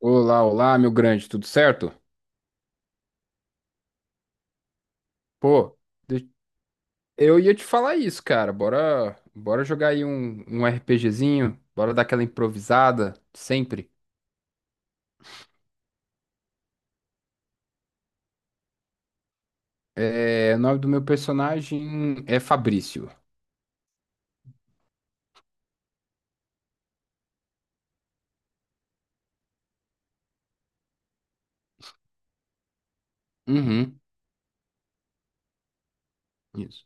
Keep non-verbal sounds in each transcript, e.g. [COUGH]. Olá, olá, meu grande, tudo certo? Pô, de- eu ia te falar isso, cara. Bora, bora jogar aí um RPGzinho, bora dar aquela improvisada, sempre. É, o nome do meu personagem é Fabrício. Uhum, isso.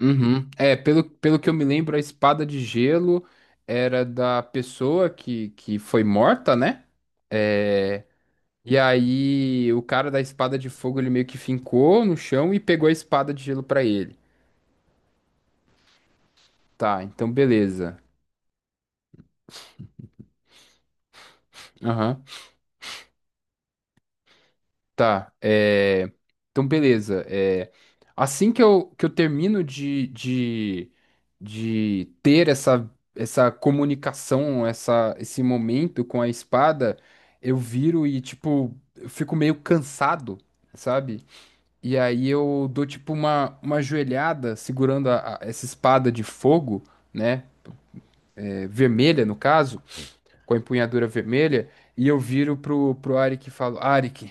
Uhum. É, pelo que eu me lembro, a espada de gelo era da pessoa que foi morta, né? É, e aí o cara da espada de fogo, ele meio que fincou no chão e pegou a espada de gelo pra ele. Tá, então beleza. Aham. Tá. Então beleza. Assim que eu termino de ter essa comunicação, esse momento com a espada, eu viro e, tipo, eu fico meio cansado, sabe? E aí eu dou, tipo, uma ajoelhada segurando essa espada de fogo, né? É, vermelha, no caso, com a empunhadura vermelha. E eu viro pro Arik e falo: Arik,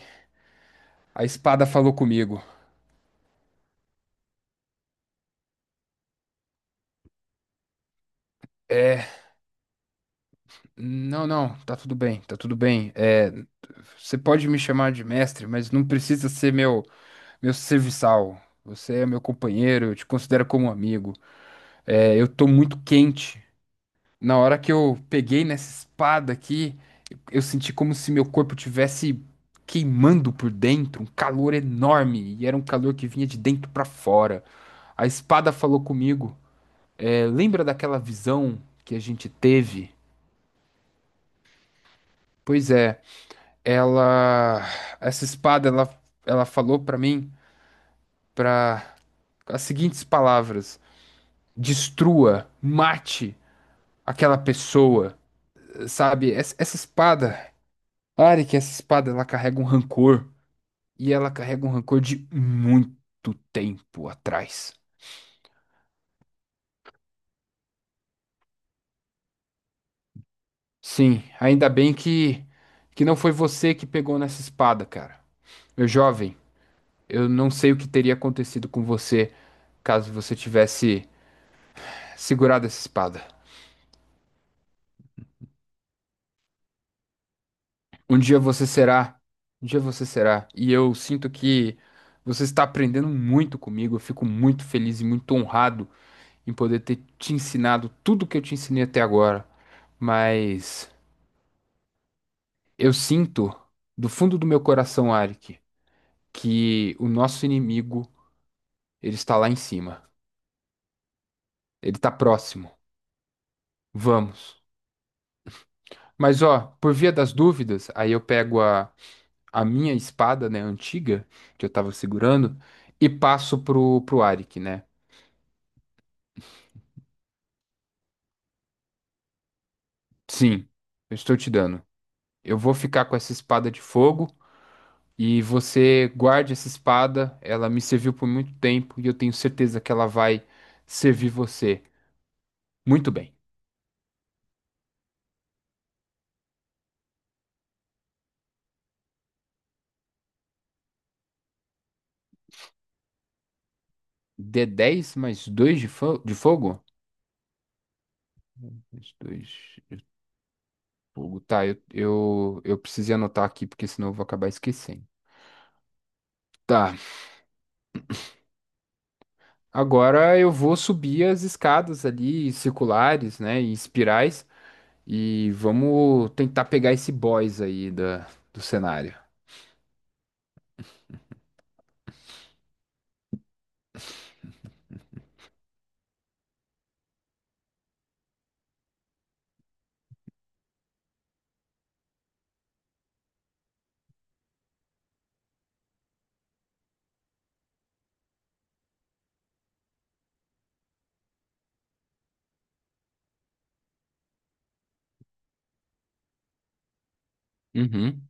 a espada falou comigo. É, não, não, tá tudo bem, tá tudo bem. É, você pode me chamar de mestre, mas não precisa ser meu serviçal. Você é meu companheiro, eu te considero como um amigo. É, eu tô muito quente. Na hora que eu peguei nessa espada aqui, eu senti como se meu corpo tivesse queimando por dentro, um calor enorme, e era um calor que vinha de dentro pra fora. A espada falou comigo. É, lembra daquela visão que a gente teve? Pois é. Ela, essa espada, ela falou pra mim para as seguintes palavras: destrua, mate aquela pessoa, sabe? Essa espada, Arik, essa espada, ela carrega um rancor e ela carrega um rancor de muito tempo atrás. Sim, ainda bem que não foi você que pegou nessa espada, cara. Meu jovem, eu não sei o que teria acontecido com você caso você tivesse segurado essa espada. Um dia você será. Um dia você será. E eu sinto que você está aprendendo muito comigo. Eu fico muito feliz e muito honrado em poder ter te ensinado tudo que eu te ensinei até agora. Mas eu sinto do fundo do meu coração, Arik, que o nosso inimigo, ele está lá em cima. Ele está próximo. Vamos. Mas ó, por via das dúvidas, aí eu pego a minha espada, né, antiga, que eu tava segurando, e passo pro, Arik, né? Sim, eu estou te dando. Eu vou ficar com essa espada de fogo e você guarde essa espada. Ela me serviu por muito tempo e eu tenho certeza que ela vai servir você. Muito bem. d10 mais 2 de, de fogo? Mais 2 de fogo. Tá, eu precisei anotar aqui porque senão eu vou acabar esquecendo. Tá, agora eu vou subir as escadas ali, circulares, né, em espirais, e vamos tentar pegar esse boss aí do cenário. Uhum,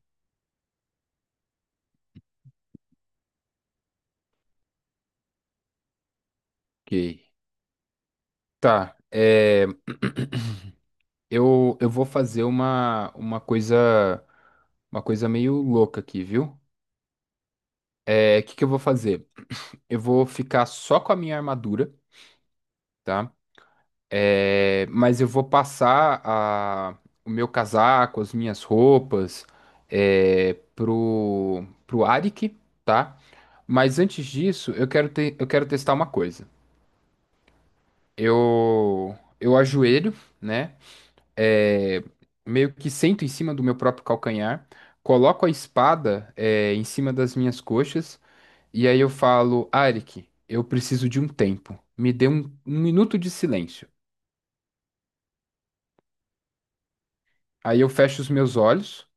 ok. Tá, [CLEARS THROAT] eu vou fazer uma coisa meio louca aqui, viu? É, o que que eu vou fazer? Eu vou ficar só com a minha armadura, tá? É, mas eu vou passar o meu casaco, as minhas roupas, é, pro Arik, tá? Mas antes disso, eu quero testar uma coisa. Eu ajoelho, né? É, meio que sento em cima do meu próprio calcanhar, coloco a espada, é, em cima das minhas coxas, e aí eu falo, Arik, eu preciso de um tempo. Me dê um minuto de silêncio. Aí eu fecho os meus olhos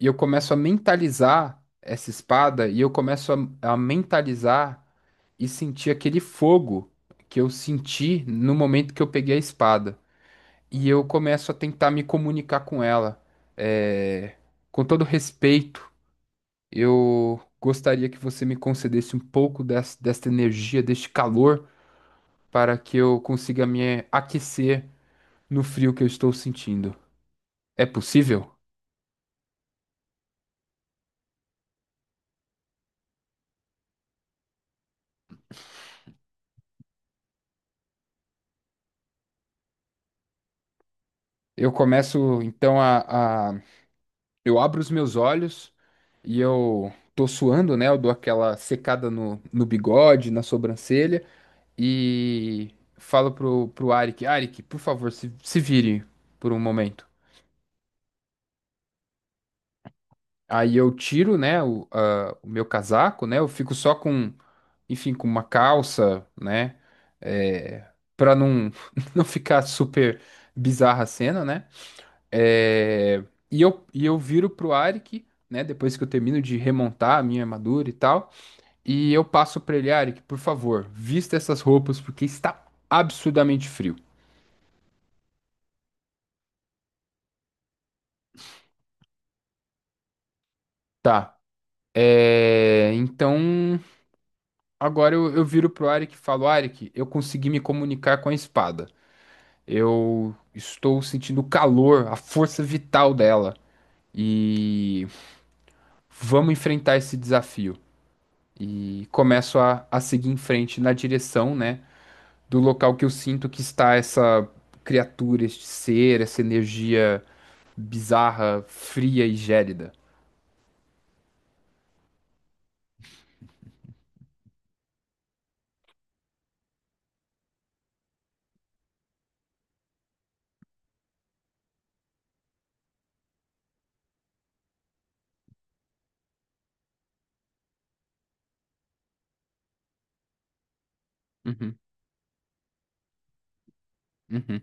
e eu começo a mentalizar essa espada e eu começo a mentalizar e sentir aquele fogo que eu senti no momento que eu peguei a espada. E eu começo a tentar me comunicar com ela, é, com todo respeito. Eu gostaria que você me concedesse um pouco desta energia, deste calor, para que eu consiga me aquecer no frio que eu estou sentindo. É possível? Eu começo então a- Eu abro os meus olhos e eu tô suando, né? Eu dou aquela secada no bigode, na sobrancelha e falo pro Arik, Arik, por favor, se vire por um momento. Aí eu tiro, né, o meu casaco, né? Eu fico só com, enfim, com uma calça, né? É, para não, [LAUGHS] não ficar super bizarra a cena, né? É, e eu viro pro Arik, né? Depois que eu termino de remontar a minha armadura e tal. E eu passo pra ele, Arik, por favor, vista essas roupas porque está absurdamente frio. Tá. É, então agora eu viro pro Arik e falo, Arik, eu consegui me comunicar com a espada. Eu estou sentindo o calor, a força vital dela. E vamos enfrentar esse desafio. E começo a seguir em frente na direção, né, do local que eu sinto que está essa criatura, este ser, essa energia bizarra, fria e gélida. Uhum, uhum,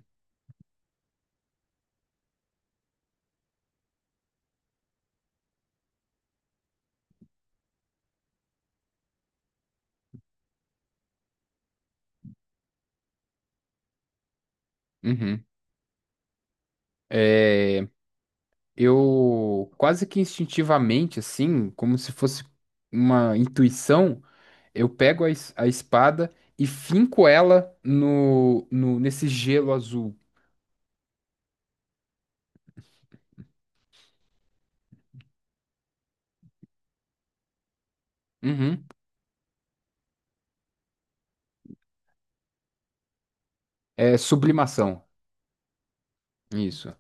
uhum. É, eu quase que instintivamente, assim, como se fosse uma intuição. Eu pego a espada e finco ela no, no nesse gelo azul. Uhum. É sublimação. Isso.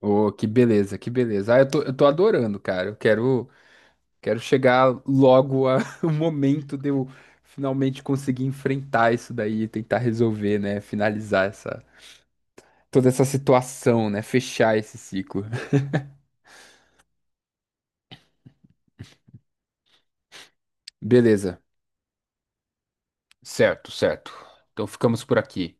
Oh, que beleza, que beleza. Ah, eu tô adorando, cara. Eu quero chegar logo a- [LAUGHS] o momento de eu finalmente conseguir enfrentar isso daí e tentar resolver, né? Finalizar toda essa situação, né? Fechar esse ciclo. [LAUGHS] Beleza. Certo, certo. Então ficamos por aqui.